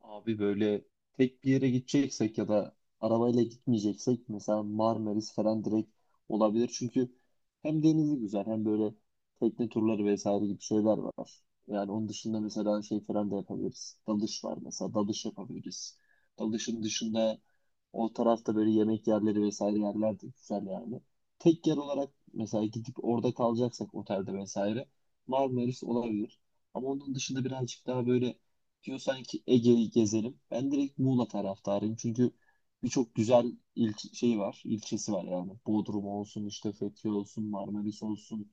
Abi böyle tek bir yere gideceksek ya da arabayla gitmeyeceksek mesela Marmaris falan direkt olabilir. Çünkü hem denizi güzel hem böyle tekne turları vesaire gibi şeyler var. Yani onun dışında mesela şey falan da yapabiliriz. Dalış var mesela dalış yapabiliriz. Dalışın dışında o tarafta böyle yemek yerleri vesaire yerler de güzel yani. Tek yer olarak mesela gidip orada kalacaksak otelde vesaire Marmaris olabilir. Ama onun dışında birazcık daha böyle diyorsan ki Ege'yi gezelim. Ben direkt Muğla taraftarıyım. Çünkü birçok güzel il şey var, ilçesi var yani. Bodrum olsun, işte Fethiye olsun, Marmaris olsun.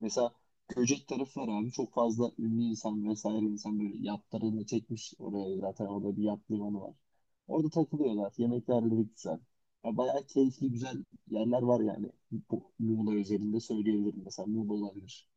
Mesela Göcek tarafı var abi. Çok fazla ünlü insan vesaire insan böyle yatlarını çekmiş oraya zaten orada bir yat limanı var. Orada takılıyorlar. Yemeklerleri güzel. Ya bayağı keyifli güzel yerler var yani. Bu Muğla özelinde söyleyebilirim. Mesela Muğla olabilir.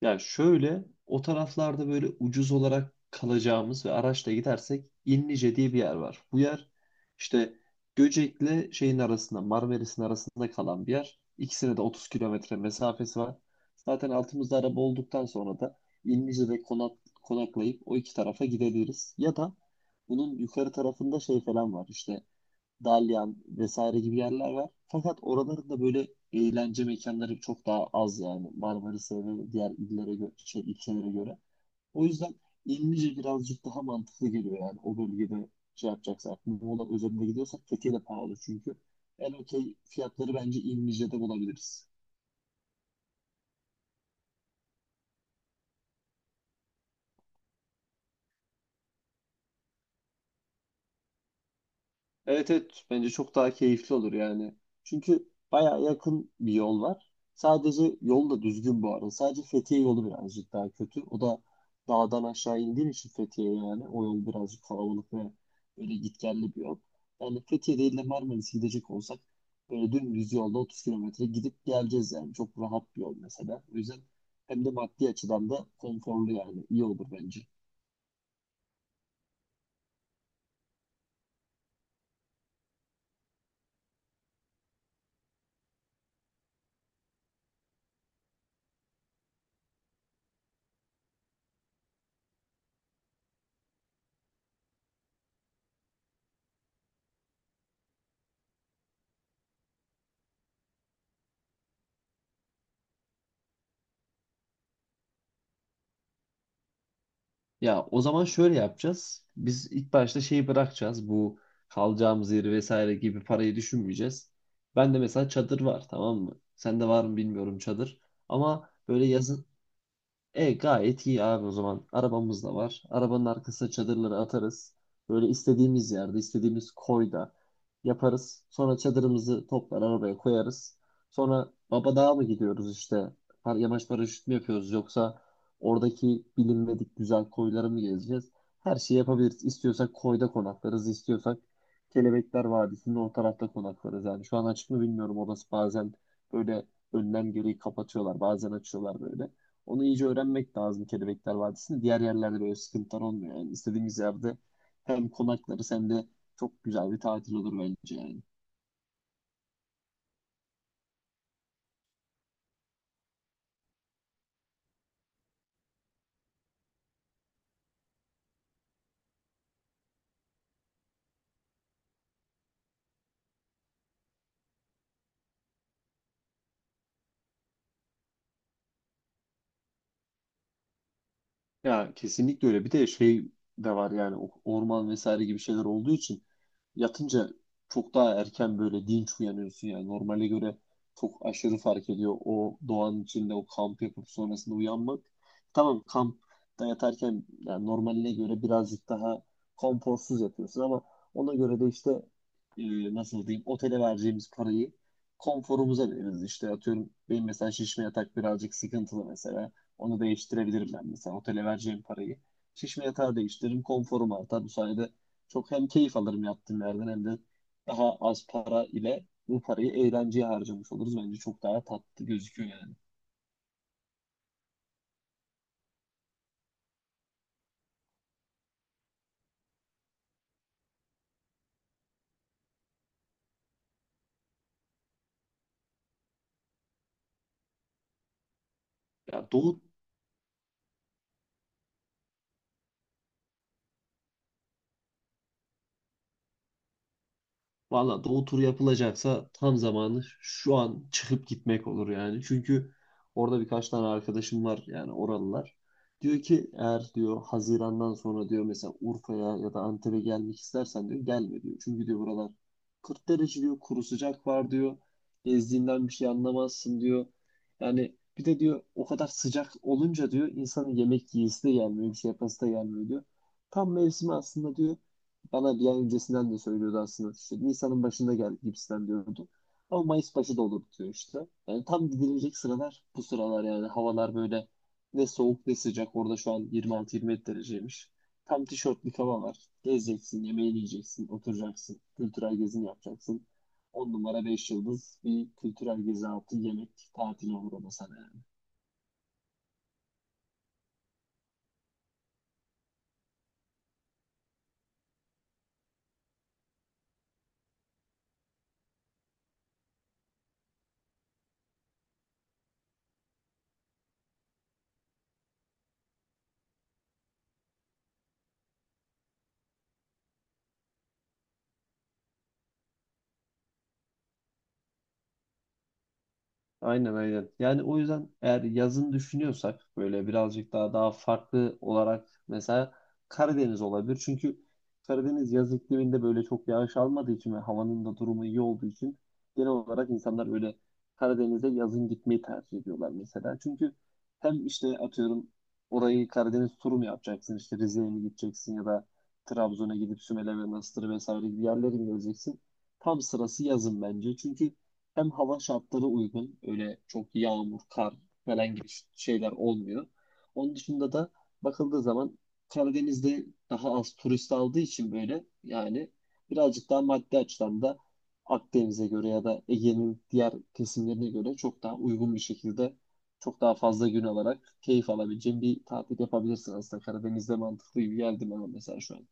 Yani şöyle o taraflarda böyle ucuz olarak kalacağımız ve araçla gidersek İnlice diye bir yer var. Bu yer işte Göcek'le şeyin arasında Marmaris'in arasında kalan bir yer. İkisine de 30 kilometre mesafesi var. Zaten altımızda araba olduktan sonra da İnlice'de konak, konaklayıp o iki tarafa gidebiliriz. Ya da bunun yukarı tarafında şey falan var işte Dalyan vesaire gibi yerler var. Fakat oraların da böyle eğlence mekanları çok daha az yani Marmaris'e ve diğer illere göre, şey, ilçelere göre. O yüzden İlmice birazcık daha mantıklı geliyor yani o bölgede şey yapacaksak. Muğla özelinde gidiyorsak Fethiye de pahalı çünkü. En okey fiyatları bence İlmice'de bulabiliriz. Evet, evet, bence çok daha keyifli olur yani. Çünkü baya yakın bir yol var. Sadece yol da düzgün bu arada. Sadece Fethiye yolu birazcık daha kötü. O da dağdan aşağı indiğin için Fethiye yani. O yol birazcık kalabalık ve böyle gitgelli bir yol. Yani Fethiye değil de Marmaris'e gidecek olsak böyle dümdüz yolda 30 kilometre gidip geleceğiz yani. Çok rahat bir yol mesela. O yüzden hem de maddi açıdan da konforlu yani. İyi olur bence. Ya o zaman şöyle yapacağız. Biz ilk başta şeyi bırakacağız. Bu kalacağımız yeri vesaire gibi parayı düşünmeyeceğiz. Ben de mesela çadır var, tamam mı? Sende var mı bilmiyorum çadır. Ama böyle yazın gayet iyi abi o zaman. Arabamız da var. Arabanın arkasına çadırları atarız. Böyle istediğimiz yerde, istediğimiz koyda yaparız. Sonra çadırımızı toplar arabaya koyarız. Sonra baba Babadağ'a mı gidiyoruz işte? Yamaç paraşüt mü yapıyoruz yoksa oradaki bilinmedik güzel koyları mı gezeceğiz? Her şeyi yapabiliriz. İstiyorsak koyda konaklarız, istiyorsak Kelebekler Vadisi'nin o tarafta konaklarız. Yani şu an açık mı bilmiyorum. Orası bazen böyle önlem gereği kapatıyorlar, bazen açıyorlar böyle. Onu iyice öğrenmek lazım Kelebekler Vadisi'nde. Diğer yerlerde böyle sıkıntılar olmuyor. Yani istediğimiz yerde hem konaklarız hem de çok güzel bir tatil olur bence yani. Ya kesinlikle öyle. Bir de şey de var yani orman vesaire gibi şeyler olduğu için yatınca çok daha erken böyle dinç uyanıyorsun yani. Normale göre çok aşırı fark ediyor o doğanın içinde o kamp yapıp sonrasında uyanmak. Tamam, kampta yatarken yani normaline göre birazcık daha konforsuz yatıyorsun ama ona göre de işte nasıl diyeyim otele vereceğimiz parayı konforumuza veririz. İşte atıyorum benim mesela şişme yatak birazcık sıkıntılı mesela. Onu değiştirebilirim ben mesela otele vereceğim parayı. Şişme yatağı değiştiririm konforum artar. Bu sayede çok hem keyif alırım yaptığım yerden hem de daha az para ile bu parayı eğlenceye harcamış oluruz. Bence çok daha tatlı gözüküyor yani. Ya Doğu Valla doğu turu yapılacaksa tam zamanı şu an çıkıp gitmek olur yani. Çünkü orada birkaç tane arkadaşım var yani oralılar. Diyor ki eğer diyor Haziran'dan sonra diyor mesela Urfa'ya ya da Antep'e gelmek istersen diyor gelme diyor. Çünkü diyor buralar 40 derece diyor kuru sıcak var diyor. Gezdiğinden bir şey anlamazsın diyor. Yani bir de diyor o kadar sıcak olunca diyor insanın yemek yiyesi de gelmiyor bir şey yapası da gelmiyor diyor. Tam mevsimi aslında diyor bana bir ay öncesinden de söylüyordu aslında. İşte Nisan'ın başında gel gibisinden diyordu. Ama Mayıs başı da olur diyor işte. Yani tam gidilecek sıralar bu sıralar yani. Havalar böyle ne soğuk ne sıcak. Orada şu an 26-27 dereceymiş. Tam tişörtlük hava var. Gezeceksin, yemeğini yiyeceksin, oturacaksın. Kültürel gezini yapacaksın. 10 numara 5 yıldız bir kültürel gezi altı yemek tatili olur ona sana. Yani aynen, aynen. Yani o yüzden eğer yazın düşünüyorsak böyle birazcık daha farklı olarak mesela Karadeniz olabilir. Çünkü Karadeniz yaz ikliminde böyle çok yağış almadığı için ve havanın da durumu iyi olduğu için genel olarak insanlar böyle Karadeniz'e yazın gitmeyi tercih ediyorlar mesela. Çünkü hem işte atıyorum orayı Karadeniz turu mu yapacaksın? İşte Rize'ye mi gideceksin ya da Trabzon'a gidip Sümele ve Manastır vesaire gibi yerlere mi geleceksin? Tam sırası yazın bence. Çünkü hem hava şartları uygun. Öyle çok yağmur, kar falan gibi şeyler olmuyor. Onun dışında da bakıldığı zaman Karadeniz'de daha az turist aldığı için böyle yani birazcık daha maddi açıdan da Akdeniz'e göre ya da Ege'nin diğer kesimlerine göre çok daha uygun bir şekilde çok daha fazla gün alarak keyif alabileceğin bir tatil yapabilirsin aslında. Karadeniz'de mantıklı gibi geldi bana mesela şu an.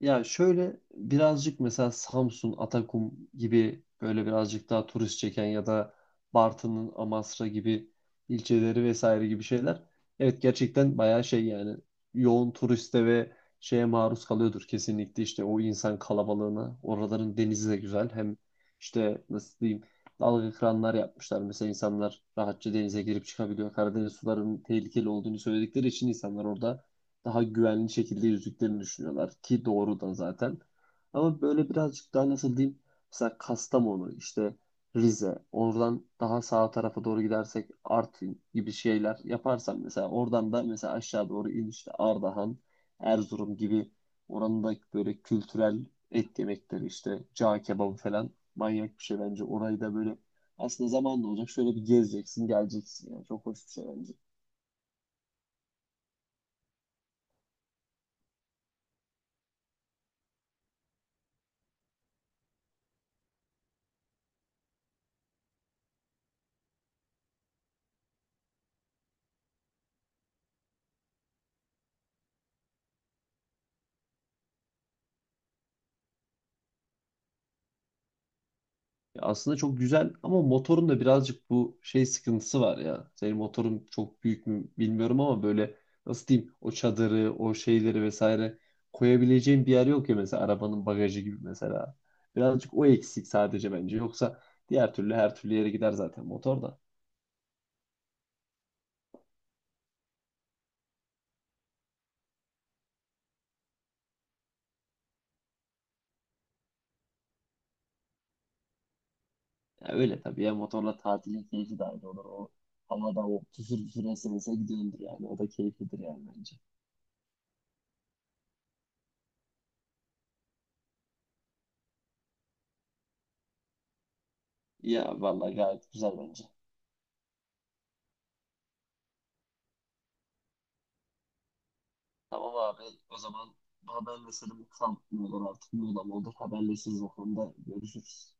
Ya şöyle birazcık mesela Samsun, Atakum gibi böyle birazcık daha turist çeken ya da Bartın'ın Amasra gibi ilçeleri vesaire gibi şeyler. Evet, gerçekten bayağı şey yani yoğun turiste ve şeye maruz kalıyordur kesinlikle işte o insan kalabalığına. Oraların denizi de güzel. Hem işte nasıl diyeyim dalga kıranlar yapmışlar. Mesela insanlar rahatça denize girip çıkabiliyor. Karadeniz sularının tehlikeli olduğunu söyledikleri için insanlar orada daha güvenli şekilde yüzdüklerini düşünüyorlar ki doğru da zaten. Ama böyle birazcık daha nasıl diyeyim mesela Kastamonu işte Rize oradan daha sağ tarafa doğru gidersek Artvin gibi şeyler yaparsam mesela oradan da mesela aşağı doğru in işte Ardahan, Erzurum gibi oranın da böyle kültürel et yemekleri işte cağ kebabı falan manyak bir şey bence. Orayı da böyle aslında zamanla olacak şöyle bir gezeceksin geleceksin yani çok hoş bir şey bence. Ya aslında çok güzel ama motorun da birazcık bu şey sıkıntısı var ya. Senin motorun çok büyük mü bilmiyorum ama böyle nasıl diyeyim o çadırı, o şeyleri vesaire koyabileceğin bir yer yok ya mesela arabanın bagajı gibi mesela. Birazcık o eksik sadece bence. Yoksa diğer türlü her türlü yere gider zaten motor da. Ya öyle tabii ya motorla tatilin keyfi de ayrı olur. O havada o küfür küfür esense gidiyordur yani. O da keyiflidir yani bence. Ya vallahi gayet güzel bence. Tamam abi, o zaman haberleşelim. Kamp mı olur artık ne olur haberleşiriz, o konuda görüşürüz.